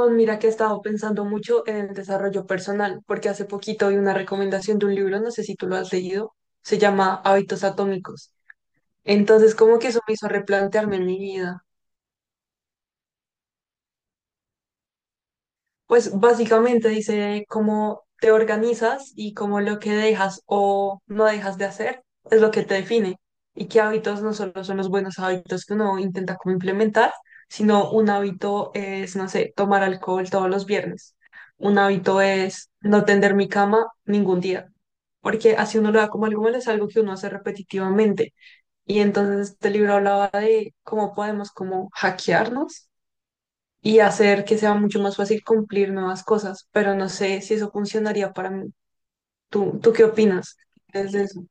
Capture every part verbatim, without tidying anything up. Oh, mira que he estado pensando mucho en el desarrollo personal, porque hace poquito vi una recomendación de un libro, no sé si tú lo has leído, se llama Hábitos Atómicos. Entonces, como que eso me hizo replantearme en mi vida. Pues básicamente dice cómo te organizas y cómo lo que dejas o no dejas de hacer es lo que te define y qué hábitos no solo son los buenos hábitos que uno intenta como implementar, sino un hábito es, no sé, tomar alcohol todos los viernes. Un hábito es no tender mi cama ningún día, porque así uno lo da como algo malo, es algo que uno hace repetitivamente. Y entonces este libro hablaba de cómo podemos como hackearnos y hacer que sea mucho más fácil cumplir nuevas cosas, pero no sé si eso funcionaría para mí. ¿Tú, tú qué opinas desde eso?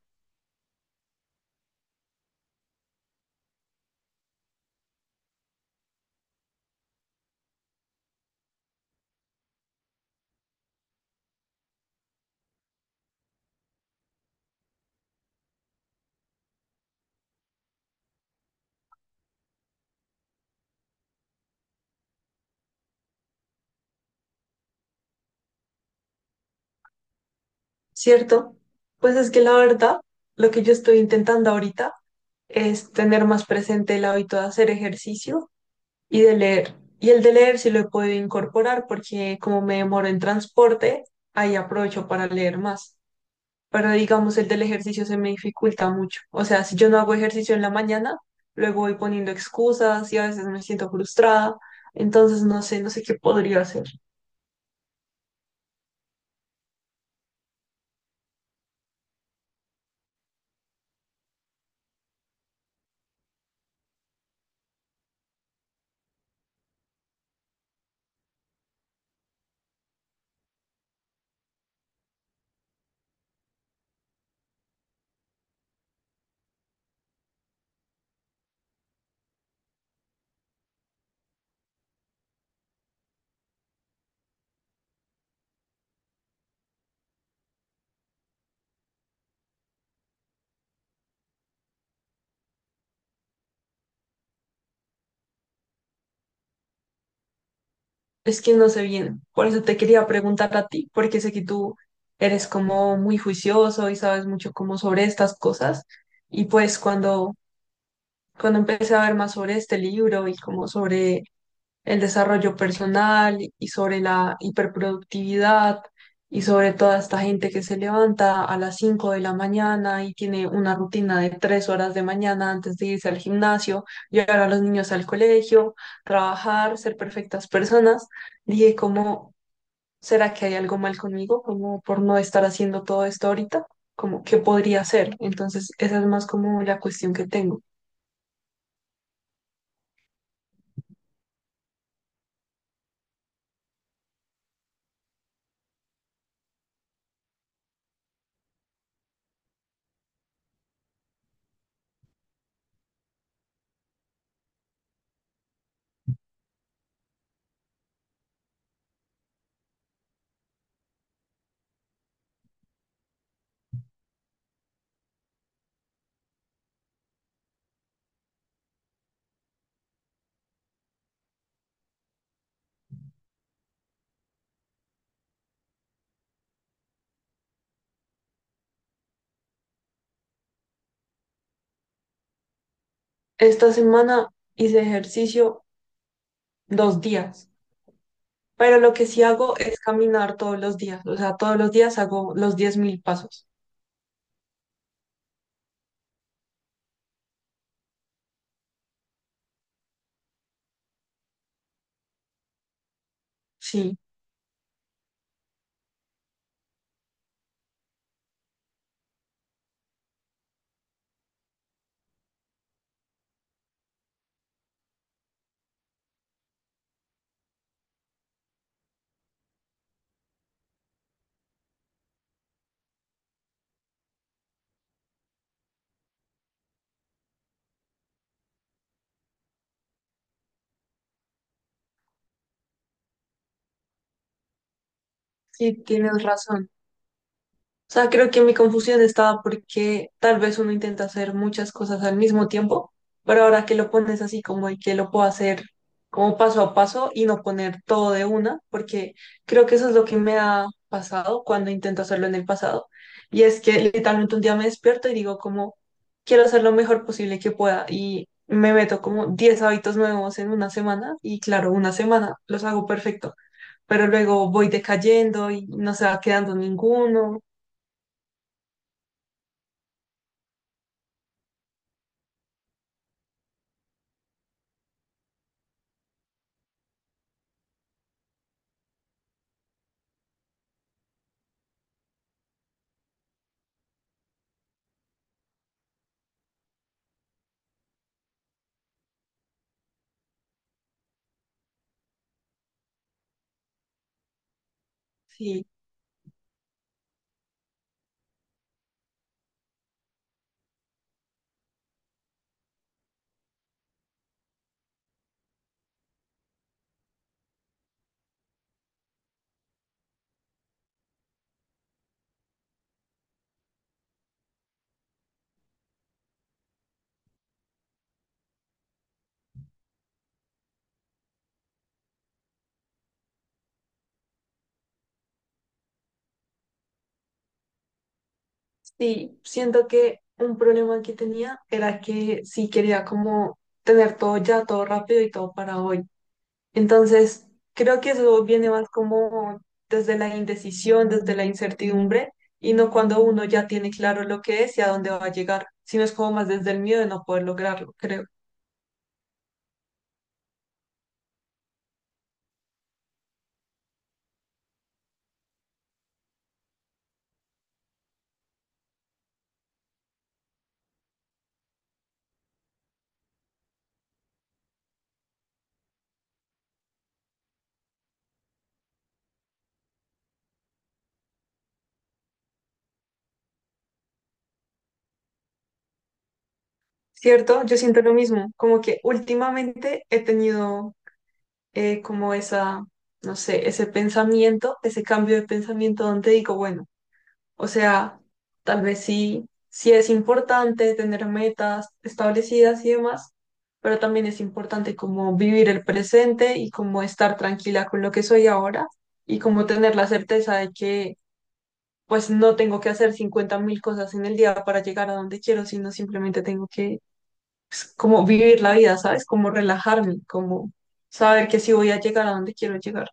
¿Cierto? Pues es que la verdad, lo que yo estoy intentando ahorita es tener más presente el hábito de hacer ejercicio y de leer. Y el de leer sí lo he podido incorporar porque como me demoro en transporte, ahí aprovecho para leer más. Pero digamos el del ejercicio se me dificulta mucho. O sea, si yo no hago ejercicio en la mañana, luego voy poniendo excusas y a veces me siento frustrada. Entonces no sé, no sé qué podría hacer. Es que no sé bien. Por eso te quería preguntar a ti, porque sé que tú eres como muy juicioso y sabes mucho como sobre estas cosas. Y pues cuando, cuando empecé a ver más sobre este libro y como sobre el desarrollo personal y sobre la hiperproductividad y sobre toda esta gente que se levanta a las cinco de la mañana y tiene una rutina de tres horas de mañana antes de irse al gimnasio, llevar a los niños al colegio, trabajar, ser perfectas personas. Dije, ¿cómo será que hay algo mal conmigo? Como por no estar haciendo todo esto ahorita, como qué podría hacer. Entonces, esa es más como la cuestión que tengo. Esta semana hice ejercicio dos días. Pero lo que sí hago es caminar todos los días, o sea, todos los días hago los diez mil pasos. Sí, sí, tienes razón. O sea, creo que mi confusión estaba porque tal vez uno intenta hacer muchas cosas al mismo tiempo, pero ahora que lo pones así como y que lo puedo hacer como paso a paso y no poner todo de una, porque creo que eso es lo que me ha pasado cuando intento hacerlo en el pasado. Y es que literalmente un día me despierto y digo como, quiero hacer lo mejor posible que pueda y me meto como diez hábitos nuevos en una semana y claro, una semana los hago perfecto, pero luego voy decayendo y no se va quedando ninguno. Sí, sí, siento que un problema que tenía era que sí quería como tener todo ya, todo rápido y todo para hoy. Entonces, creo que eso viene más como desde la indecisión, desde la incertidumbre, y no cuando uno ya tiene claro lo que es y a dónde va a llegar, sino es como más desde el miedo de no poder lograrlo, creo. ¿Cierto? Yo siento lo mismo, como que últimamente he tenido eh, como esa, no sé, ese pensamiento, ese cambio de pensamiento donde digo, bueno. O sea, tal vez sí, sí es importante tener metas establecidas y demás, pero también es importante como vivir el presente y como estar tranquila con lo que soy ahora y como tener la certeza de que pues no tengo que hacer cincuenta mil cosas en el día para llegar a donde quiero, sino simplemente tengo que como vivir la vida, ¿sabes? Como relajarme, como saber que sí voy a llegar a donde quiero llegar.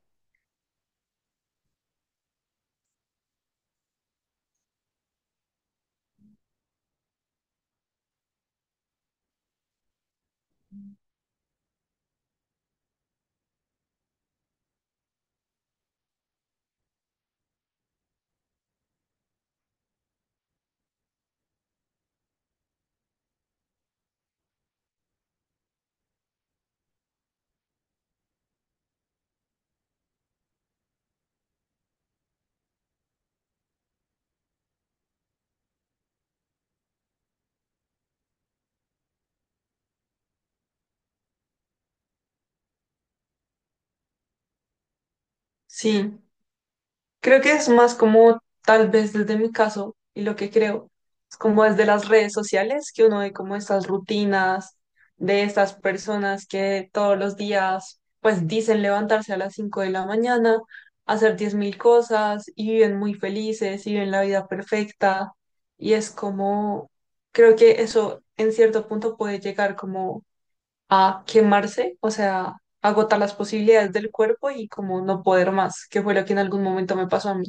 Sí. Creo que es más como, tal vez desde mi caso, y lo que creo, es como desde las redes sociales, que uno ve como estas rutinas de estas personas que todos los días, pues dicen levantarse a las cinco de la mañana, hacer diez mil cosas, y viven muy felices, y viven la vida perfecta, y es como, creo que eso en cierto punto puede llegar como a quemarse, o sea, agotar las posibilidades del cuerpo y como no poder más, que fue lo que en algún momento me pasó a mí.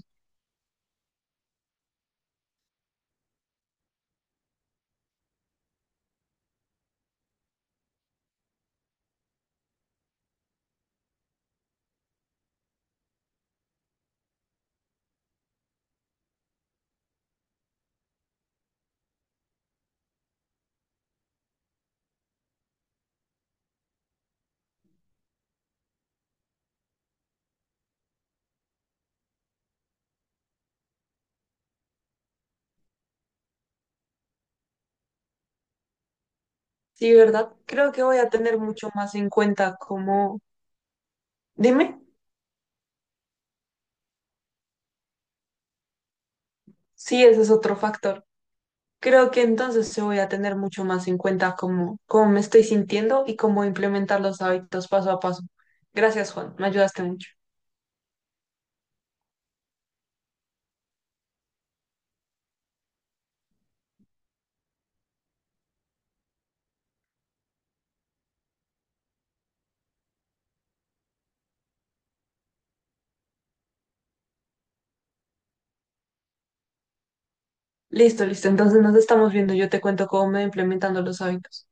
Sí, ¿verdad? Creo que voy a tener mucho más en cuenta como... Dime, sí, ese es otro factor. Creo que entonces se voy a tener mucho más en cuenta cómo, cómo me estoy sintiendo y cómo implementar los hábitos paso a paso. Gracias, Juan, me ayudaste mucho. Listo, listo. Entonces nos estamos viendo. Yo te cuento cómo me voy implementando los hábitos.